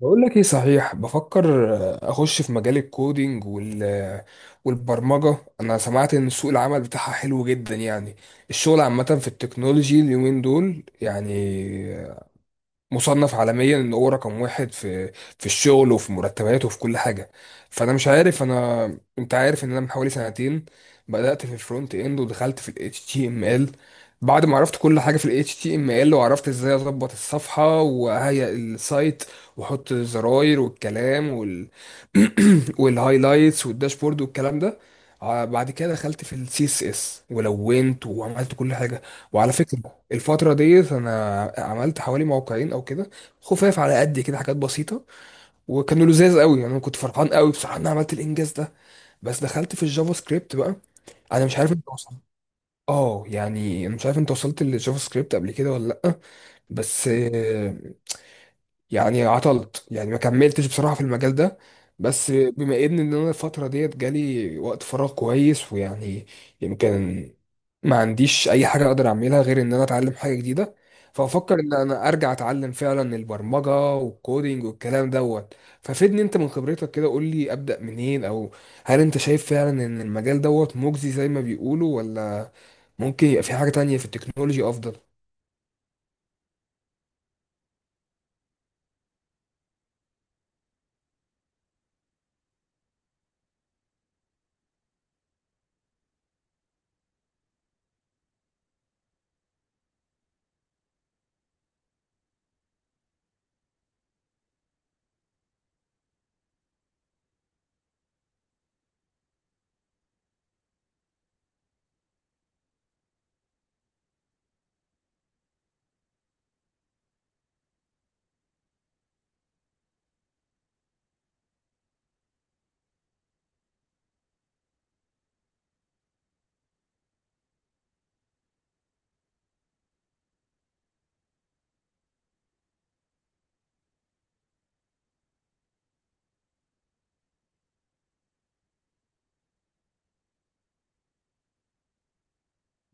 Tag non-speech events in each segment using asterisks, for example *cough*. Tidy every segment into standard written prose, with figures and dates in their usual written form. بقول لك ايه صحيح بفكر اخش في مجال الكودينج وال والبرمجه انا سمعت ان سوق العمل بتاعها حلو جدا يعني الشغل عامه في التكنولوجي اليومين دول يعني مصنف عالميا ان هو رقم واحد في الشغل وفي مرتباته وفي كل حاجه. فانا مش عارف انت عارف ان انا من حوالي سنتين بدات في الفرونت اند ودخلت في ال HTML. بعد ما عرفت كل حاجه في ال HTML وعرفت ازاي اظبط الصفحه وهيئ السايت واحط الزراير والكلام وال *clears throat* والهايلايتس والداشبورد والكلام ده. بعد كده دخلت في السي اس اس ولونت وعملت كل حاجه. وعلى فكرة الفترة ديت أنا عملت حوالي موقعين أو كده، خفاف على قد كده، حاجات بسيطة، وكانوا لذاذ قوي، يعني أنا كنت فرحان قوي بصراحة إن أنا عملت الإنجاز ده. بس دخلت في الجافا سكريبت بقى. أنا مش عارف أنت وصلت أنا مش عارف أنت وصلت للجافا سكريبت قبل كده ولا لأ. بس يعني عطلت، يعني ما كملتش بصراحة في المجال ده. بس بما إن انا الفترة ديت جالي وقت فراغ كويس ويعني يمكن ما عنديش اي حاجة اقدر اعملها غير ان انا اتعلم حاجة جديدة. فافكر ان انا ارجع اتعلم فعلا البرمجة والكودينج والكلام دوت. ففيدني انت من خبرتك كده، قول لي ابدأ منين، او هل انت شايف فعلا ان المجال دوت مجزي زي ما بيقولوا ولا ممكن يبقى في حاجة تانية في التكنولوجي افضل؟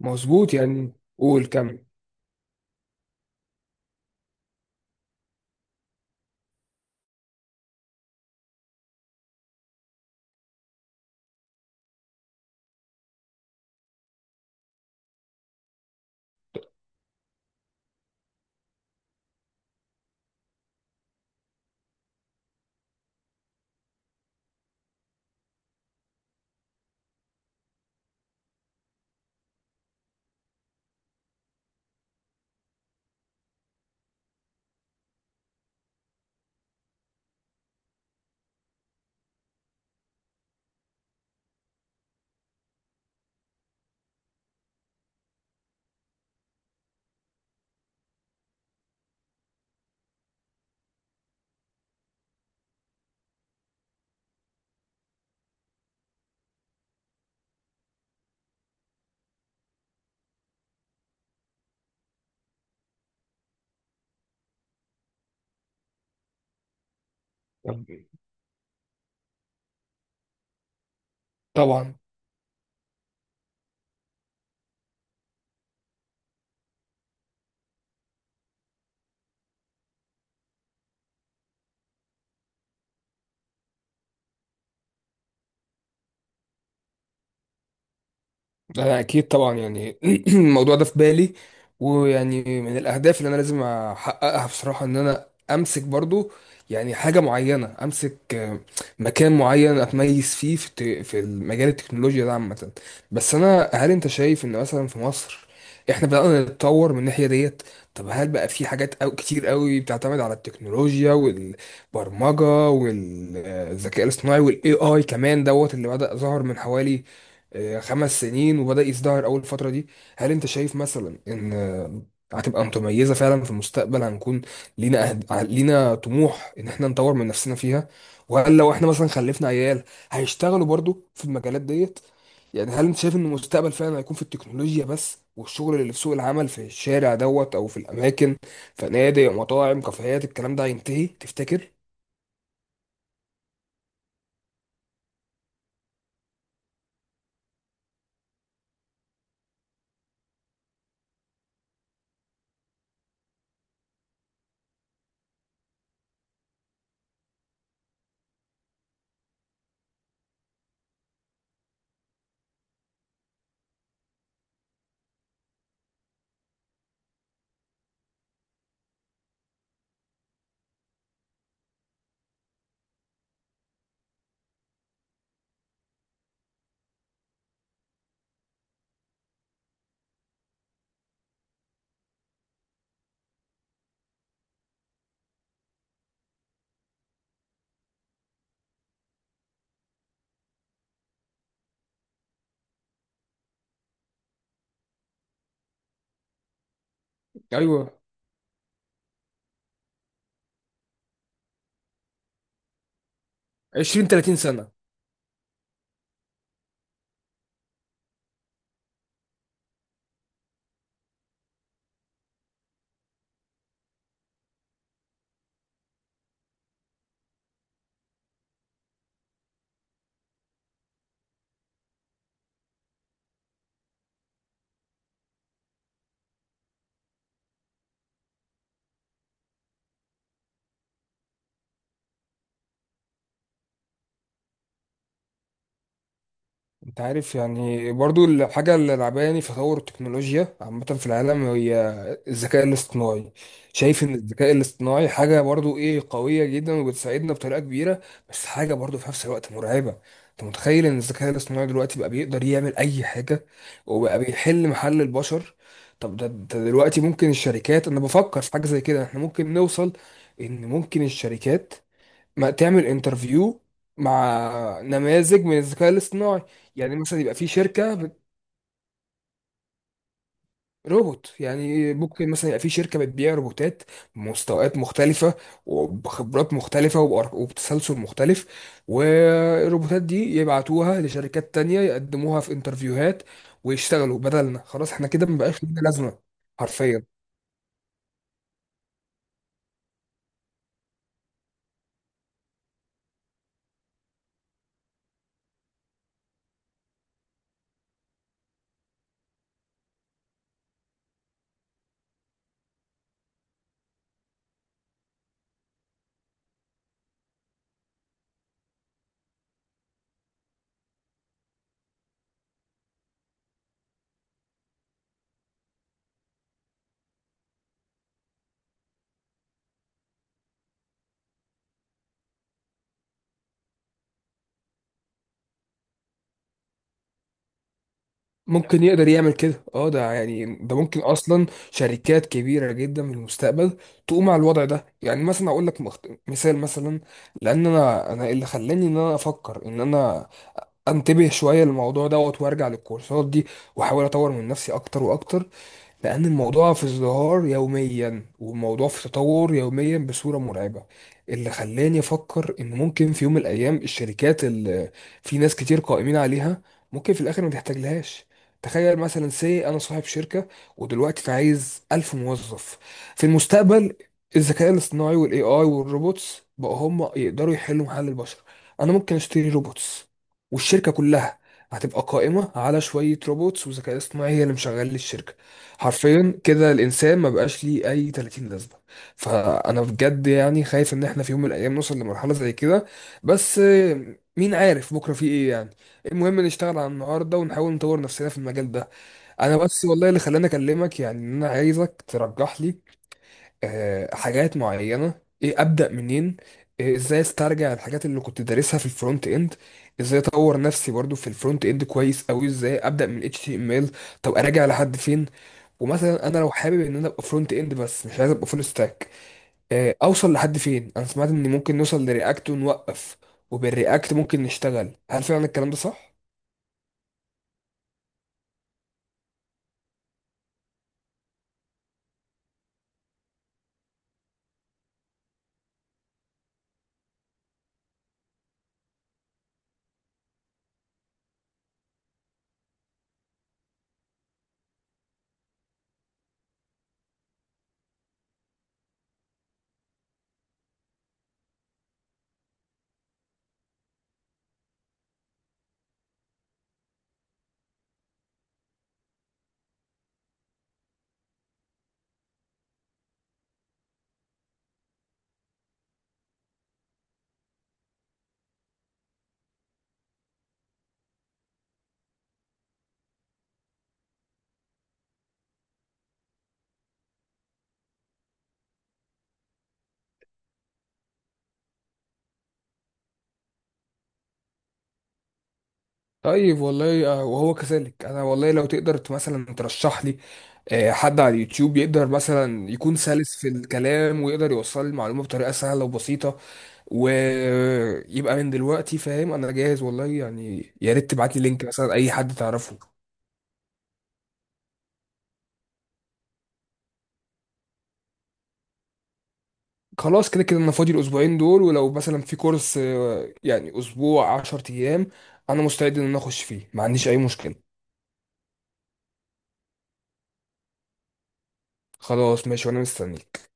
مظبوط يعني. قول كمل. طبعا. أنا أكيد طبعا يعني *clears throat* الموضوع ده في بالي، ويعني من الأهداف اللي أنا لازم أحققها بصراحة إن أنا أمسك برضو يعني حاجة معينة، أمسك مكان معين أتميز فيه في في مجال التكنولوجيا ده عامة. بس أنا هل أنت شايف إن مثلا في مصر إحنا بدأنا نتطور من الناحية ديت؟ طب هل بقى في حاجات أو كتير قوي بتعتمد على التكنولوجيا والبرمجة والذكاء الاصطناعي والاي اي كمان دوت اللي بدأ ظهر من حوالي خمس سنين وبدأ يزدهر أول فترة دي؟ هل أنت شايف مثلا إن هتبقى متميزة فعلا في المستقبل؟ هنكون لينا لينا طموح إن إحنا نطور من نفسنا فيها؟ وهل لو إحنا مثلا خلفنا عيال هيشتغلوا برضو في المجالات ديت؟ يعني هل أنت شايف إن المستقبل فعلا هيكون في التكنولوجيا بس، والشغل اللي في سوق العمل في الشارع دوت أو في الأماكن، فنادق مطاعم كافيهات الكلام ده هينتهي تفتكر؟ ايوه. 20 30 سنة. انت عارف يعني برضو الحاجة اللي لعباني في تطور التكنولوجيا عامة في العالم هي الذكاء الاصطناعي. شايف ان الذكاء الاصطناعي حاجة برضو ايه، قوية جدا وبتساعدنا بطريقة كبيرة، بس حاجة برضو في نفس الوقت مرعبة. انت متخيل ان الذكاء الاصطناعي دلوقتي بقى بيقدر يعمل اي حاجة وبقى بيحل محل البشر؟ طب ده دلوقتي ممكن الشركات، انا بفكر في حاجة زي كده، احنا ممكن نوصل ان ممكن الشركات ما تعمل انترفيو مع نماذج من الذكاء الاصطناعي. يعني مثلا يبقى في روبوت، يعني ممكن مثلا يبقى في شركة بتبيع روبوتات بمستويات مختلفة وبخبرات مختلفة وبتسلسل مختلف، والروبوتات دي يبعتوها لشركات تانية يقدموها في انترفيوهات ويشتغلوا بدلنا، خلاص احنا كده مبقاش لنا لازمة حرفيا. ممكن يقدر يعمل كده؟ اه ده يعني ده ممكن اصلا شركات كبيره جدا في المستقبل تقوم على الوضع ده. يعني مثلا اقول لك مثال مثلا، لان انا اللي خلاني ان انا افكر ان انا انتبه شويه للموضوع دوت وارجع للكورسات دي واحاول اطور من نفسي اكتر واكتر، لأن الموضوع في ازدهار يوميا والموضوع في تطور يوميا بصورة مرعبة. اللي خلاني أفكر إن ممكن في يوم من الأيام الشركات اللي في ناس كتير قائمين عليها ممكن في الآخر ما تحتاجلهاش. تخيل مثلا سي أنا صاحب شركة ودلوقتي عايز ألف موظف، في المستقبل الذكاء الاصطناعي والاي اي والروبوتس بقوا هم يقدروا يحلوا محل البشر، انا ممكن اشتري روبوتس والشركه كلها هتبقى قائمه على شويه روبوتس وذكاء اصطناعي هي اللي مشغل لي الشركه حرفيا. كده الانسان ما بقاش ليه اي 30 لازمه. فانا بجد يعني خايف ان احنا في يوم من الايام نوصل لمرحله زي كده. بس مين عارف بكره في ايه يعني. المهم نشتغل على النهارده ونحاول نطور نفسنا في المجال ده. انا بس والله اللي خلاني اكلمك يعني ان انا عايزك ترجح لي حاجات معينة. ايه، ابدأ منين؟ إيه، ازاي استرجع الحاجات اللي كنت دارسها في الفرونت اند؟ ازاي اطور نفسي برضو في الفرونت اند كويس قوي؟ ازاي ابدأ من HTML؟ طب اراجع لحد فين؟ ومثلا انا لو حابب ان انا ابقى فرونت اند بس مش عايز ابقى فول ستاك، اوصل لحد فين؟ انا سمعت ان ممكن نوصل لرياكت ونوقف وبالرياكت ممكن نشتغل، هل فعلا الكلام ده صح؟ طيب والله وهو كذلك. انا والله لو تقدر مثلا ترشح لي حد على اليوتيوب يقدر مثلا يكون سلس في الكلام ويقدر يوصل المعلومة بطريقة سهلة وبسيطة ويبقى من دلوقتي فاهم انا جاهز، والله يعني يا ريت تبعت لي لينك مثلا اي حد تعرفه. خلاص كده كده انا فاضي الاسبوعين دول، ولو مثلا في كورس يعني اسبوع عشر ايام انا مستعد ان انا اخش فيه، ما عنديش اي مشكلة. خلاص ماشي وانا مستنيك.